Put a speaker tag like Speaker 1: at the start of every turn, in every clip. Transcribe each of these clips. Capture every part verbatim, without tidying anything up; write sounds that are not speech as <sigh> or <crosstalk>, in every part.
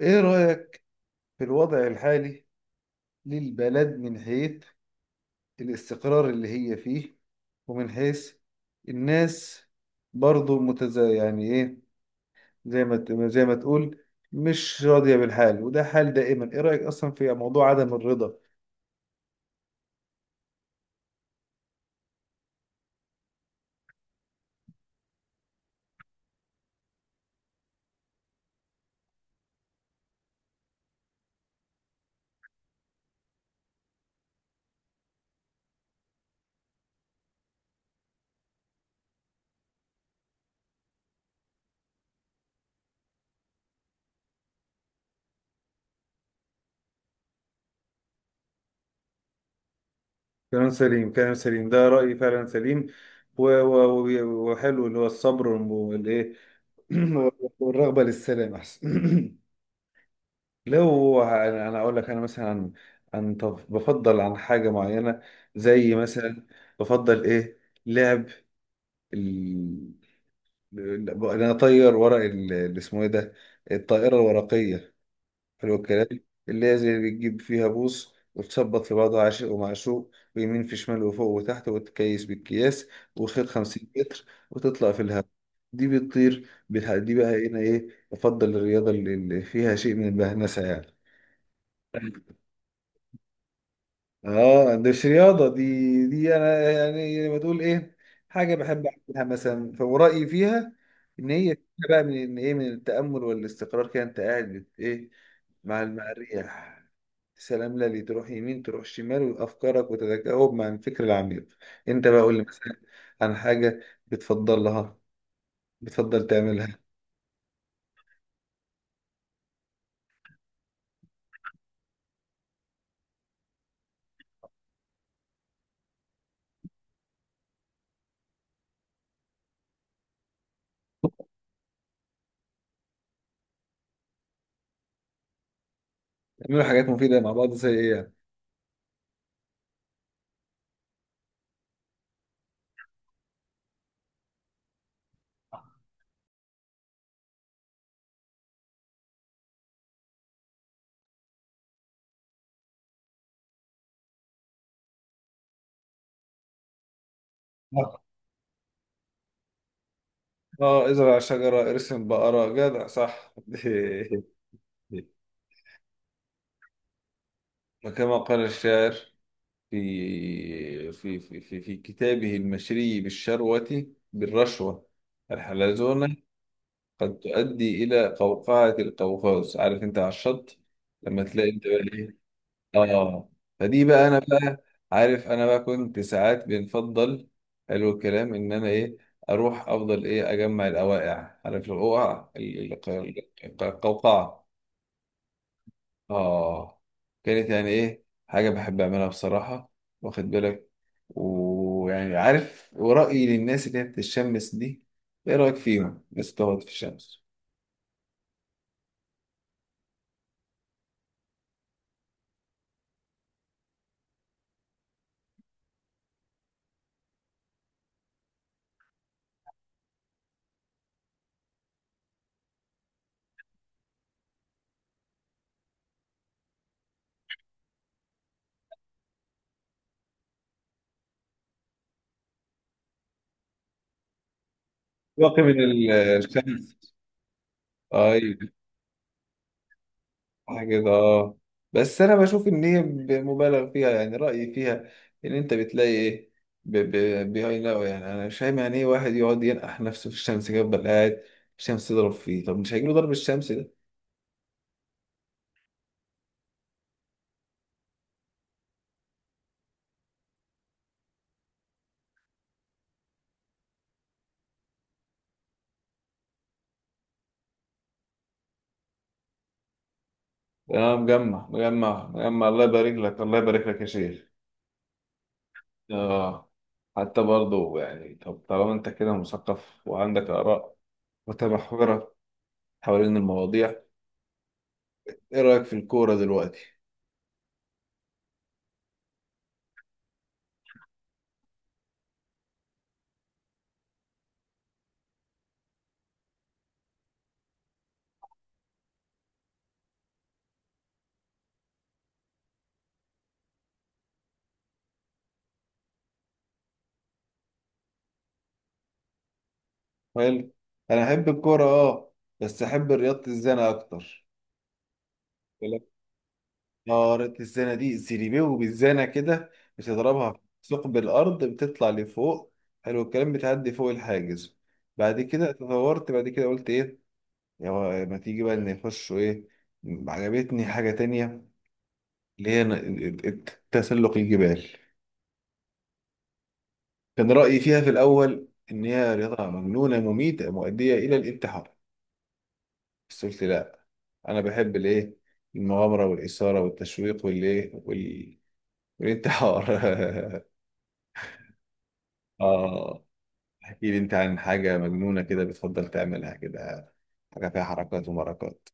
Speaker 1: إيه رأيك في الوضع الحالي للبلد من حيث الاستقرار اللي هي فيه ومن حيث الناس برضو متز يعني إيه زي ما ت- زي ما تقول مش راضية بالحال، وده حال دائما. إيه رأيك أصلا في موضوع عدم الرضا؟ كلام سليم، كلام سليم، ده رأيي فعلا سليم. و- و- و- وحلو اللي هو الصبر والإيه <clears throat> والرغبة للسلام أحسن. <clears throat> لو انا أنا اقول لك انا مثلا عن عن طب بفضل عن حاجه معينه، زي مثلا بفضل ايه لعب ال... ال- انا اطير ورق ال- اللي اسمه ايه ده، الطائره الورقيه. حلو الكلام. اللي هي زي اللي بتجيب فيها بوص وتثبط في بعضها عاشق ومعشوق ويمين في شمال وفوق وتحت وتكيس بالكياس وخيط خمسين متر وتطلع في الهواء. دي بتطير بتح- دي بقى هنا ايه بفضل الرياضه اللي اللي فيها شيء من البهنسه يعني. اه، دي مش رياضة دي، دي انا يعني لما تقول ايه، حاجة بحب اعملها مثلا، فورائي فيها ان هي فيها بقى من إن ايه، من التأمل والاستقرار كده. انت قاعد بت- ايه مع مع الرياح، سلام للي تروح يمين تروح شمال وافكارك وتتجاوب مع الفكر العميق. انت بقى قول لي مثلا عن حاجة بتفضلها، بتفضل تعملها. تعملوا حاجات مفيدة مع بعض زي ايه يعني؟ اه، آه، ازرع شجرة ارسم بقرة جدع، صح. <laughs> وكما قال الشاعر في في في في, في كتابه المشري بالشروة، بالرشوة، الحلزونة قد تؤدي إلى قوقعة القوقاز، عارف أنت، على الشط لما تلاقي أنت بقى إيه. آه، فدي بقى أنا بقى، عارف، أنا بقى كنت ساعات بنفضل، حلو الكلام، إن أنا إيه أروح أفضل إيه أجمع الأوائع، عارف، الأوقع ال- ال- القوقعة. اه، كانت يعني ايه حاجة بحب اعملها بصراحة، واخد بالك. ويعني عارف، ورأيي للناس اللي هي بتتشمس دي، ايه رأيك فيهم الناس بتقعد في الشمس؟ واقي من ال- الشمس، ايوه، صح كده اه. بس انا بشوف ان هي ب- مبالغ فيها، يعني رأيي فيها ان انت بتلاقي ايه، ب- ب- بيهايل أوي، يعني انا مش فاهم يعني ايه واحد يقعد ينقح نفسه في الشمس كده يفضل قاعد الشمس تضرب فيه، طب مش هيجيله ضرب الشمس؟ اه، مجمع مجمع مجمع، الله يبارك لك، الله يبارك لك يا شيخ. اه، حتى برضه يعني، طب طالما انت كده مثقف وعندك آراء متمحورة حوالين المواضيع، ايه رأيك في الكورة دلوقتي؟ حلو، انا احب الكورة اه، بس احب رياضة الزنا اكتر. يقولك اه، رياضة الزنا دي زيريبيو بالزنا كده، بتضربها في ثقب الارض بتطلع لفوق، حلو الكلام، بتعدي فوق الحاجز، بعد كده تطورت، بعد كده قلت ايه، يلا ما تيجي بقى ان يخشوا ايه. عجبتني حاجة تانية اللي هي تسلق الجبال. كان رأيي فيها في الأول إن هي رياضة مجنونة مميتة مؤدية إلى الانتحار، بس قلت لا، أنا بحب الإيه، المغامرة والإثارة والتشويق والإيه وال... والانتحار. <laughs> آه، احكي لي أنت عن حاجة مجنونة كده بتفضل تعملها كده، حاجة فيها حركات ومركات.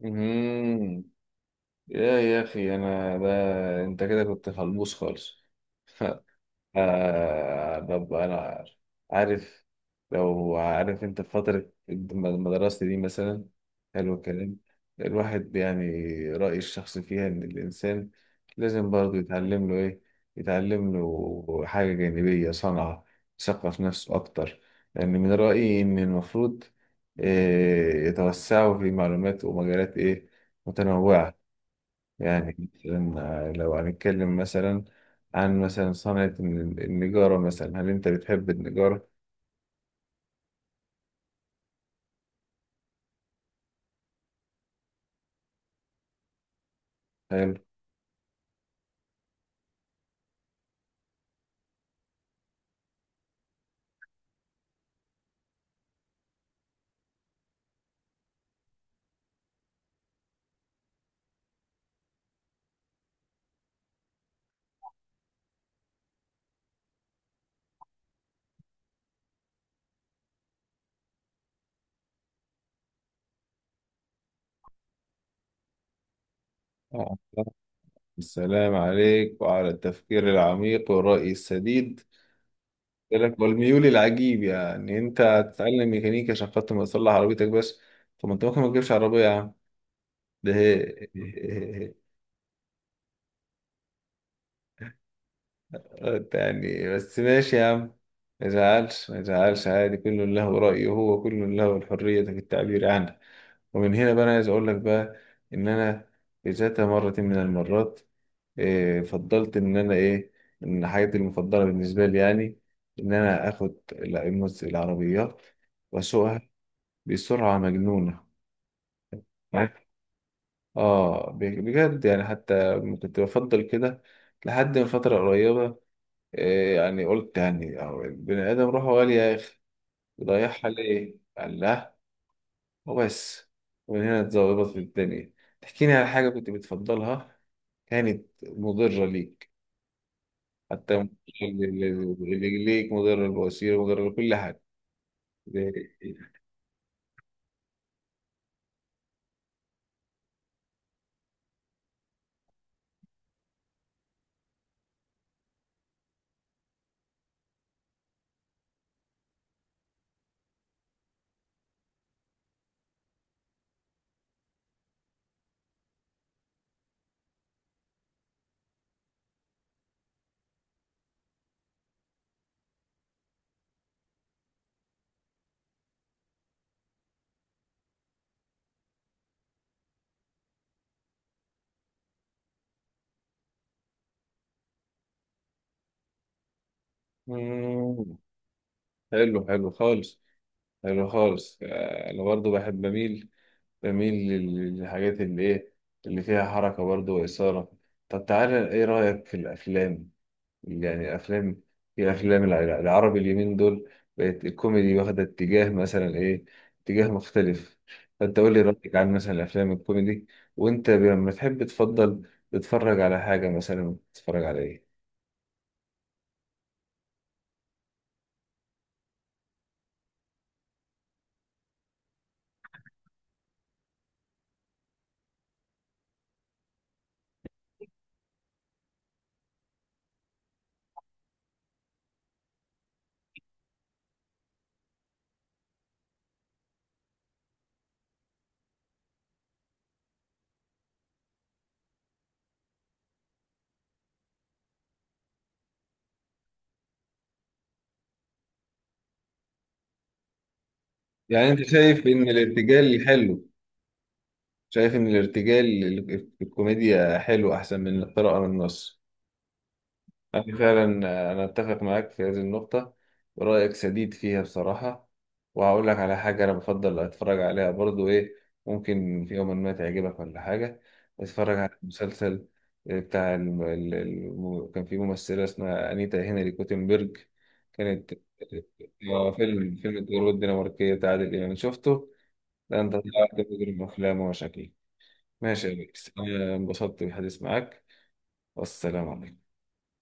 Speaker 1: مهم. يا يا أخي أنا ده، أنت كده كنت خلبوس خالص. آه طب أنا عارف، لو عارف أنت في فترة المدرسة دي مثلا، حلو الكلام، الواحد يعني رأيي الشخصي فيها إن الإنسان لازم برضه يتعلم له إيه، يتعلم له حاجة جانبية، صنعة، يثقف نفسه أكتر، لأن من رأيي إن المفروض آه، يتوسعوا في معلومات ومجالات إيه متنوعة. يعني مثلا، آه، لو هنتكلم مثلا عن مثلا صنعة الن- النجارة، مثلا هل أنت بتحب النجارة؟ حلو. آه. السلام عليك وعلى التفكير العميق والرأي السديد لك والميول العجيب، يعني أنت هتتعلم ميكانيكا عشان خاطر ما تصلح عربيتك بس؟ طب ما أنت ممكن ما تجيبش عربية يا عم ده. <laughs> يعني بس ماشي يا عم، ما يزعلش ما يزعلش، عادي، كل له رأيه، هو كل له الحرية في التعبير عنه. ومن هنا بقى أنا عايز أقول لك بقى إن أنا في ذات مرة من المرات إيه فضلت إن أنا إيه، إن حاجتي المفضلة بالنسبة لي يعني إن أنا آخد ال- المس- العربيات وأسوقها بسرعة مجنونة. آه، ب- بجد يعني، حتى كنت بفضل كده لحد من فترة قريبة، إيه يعني، قلت يعني أهو البني آدم روحه غالية يا أخي، بيضيعها ليه؟ قال لا وبس، ومن هنا اتظبطت في الدنيا. تحكيني على حاجة كنت بتفضلها كانت مضرة ليك، حتى مضرة لل- لل- ليك، مضرة للبواسير، مضرة لكل حاجة، زي إيه؟ مم. حلو، حلو خالص حلو خالص، آه، أنا برضو بحب بميل بميل لل- للحاجات اللي إيه، اللي فيها حركة برضو وإثارة. طب تعالى إيه رأيك في الأفلام؟ يعني افلام، في افلام الع- العربي اليومين دول بقت الكوميدي واخده اتجاه مثلا ايه، اتجاه مختلف، فانت قول لي رايك عن مثلا الافلام الكوميدي، وانت لما تحب تفضل تتفرج على حاجه مثلا تتفرج على ايه؟ يعني انت شايف ان الارتجال حلو، شايف ان الارتجال ال- الكوميديا حلو احسن من القراءه من النص؟ أنا فعلا أنا أتفق معاك في هذه النقطة، رأيك سديد فيها بصراحة. وهقول لك على حاجة أنا بفضل أتفرج عليها برضو، إيه، ممكن في يوم ما تعجبك ولا حاجة، أتفرج على مسلسل بتاع الم... ال- الم... كان في ممثلة اسمها أنيتا هنري كوتنبرج، كانت آه، فيلم فيلم التجربة الدنماركية بتاع عادل إمام شفته؟ ده أنت طلعت مجرم أفلام ومشاكل. ماشي يا بيكس، أنا انبسطت بالحديث معاك، والسلام عليكم.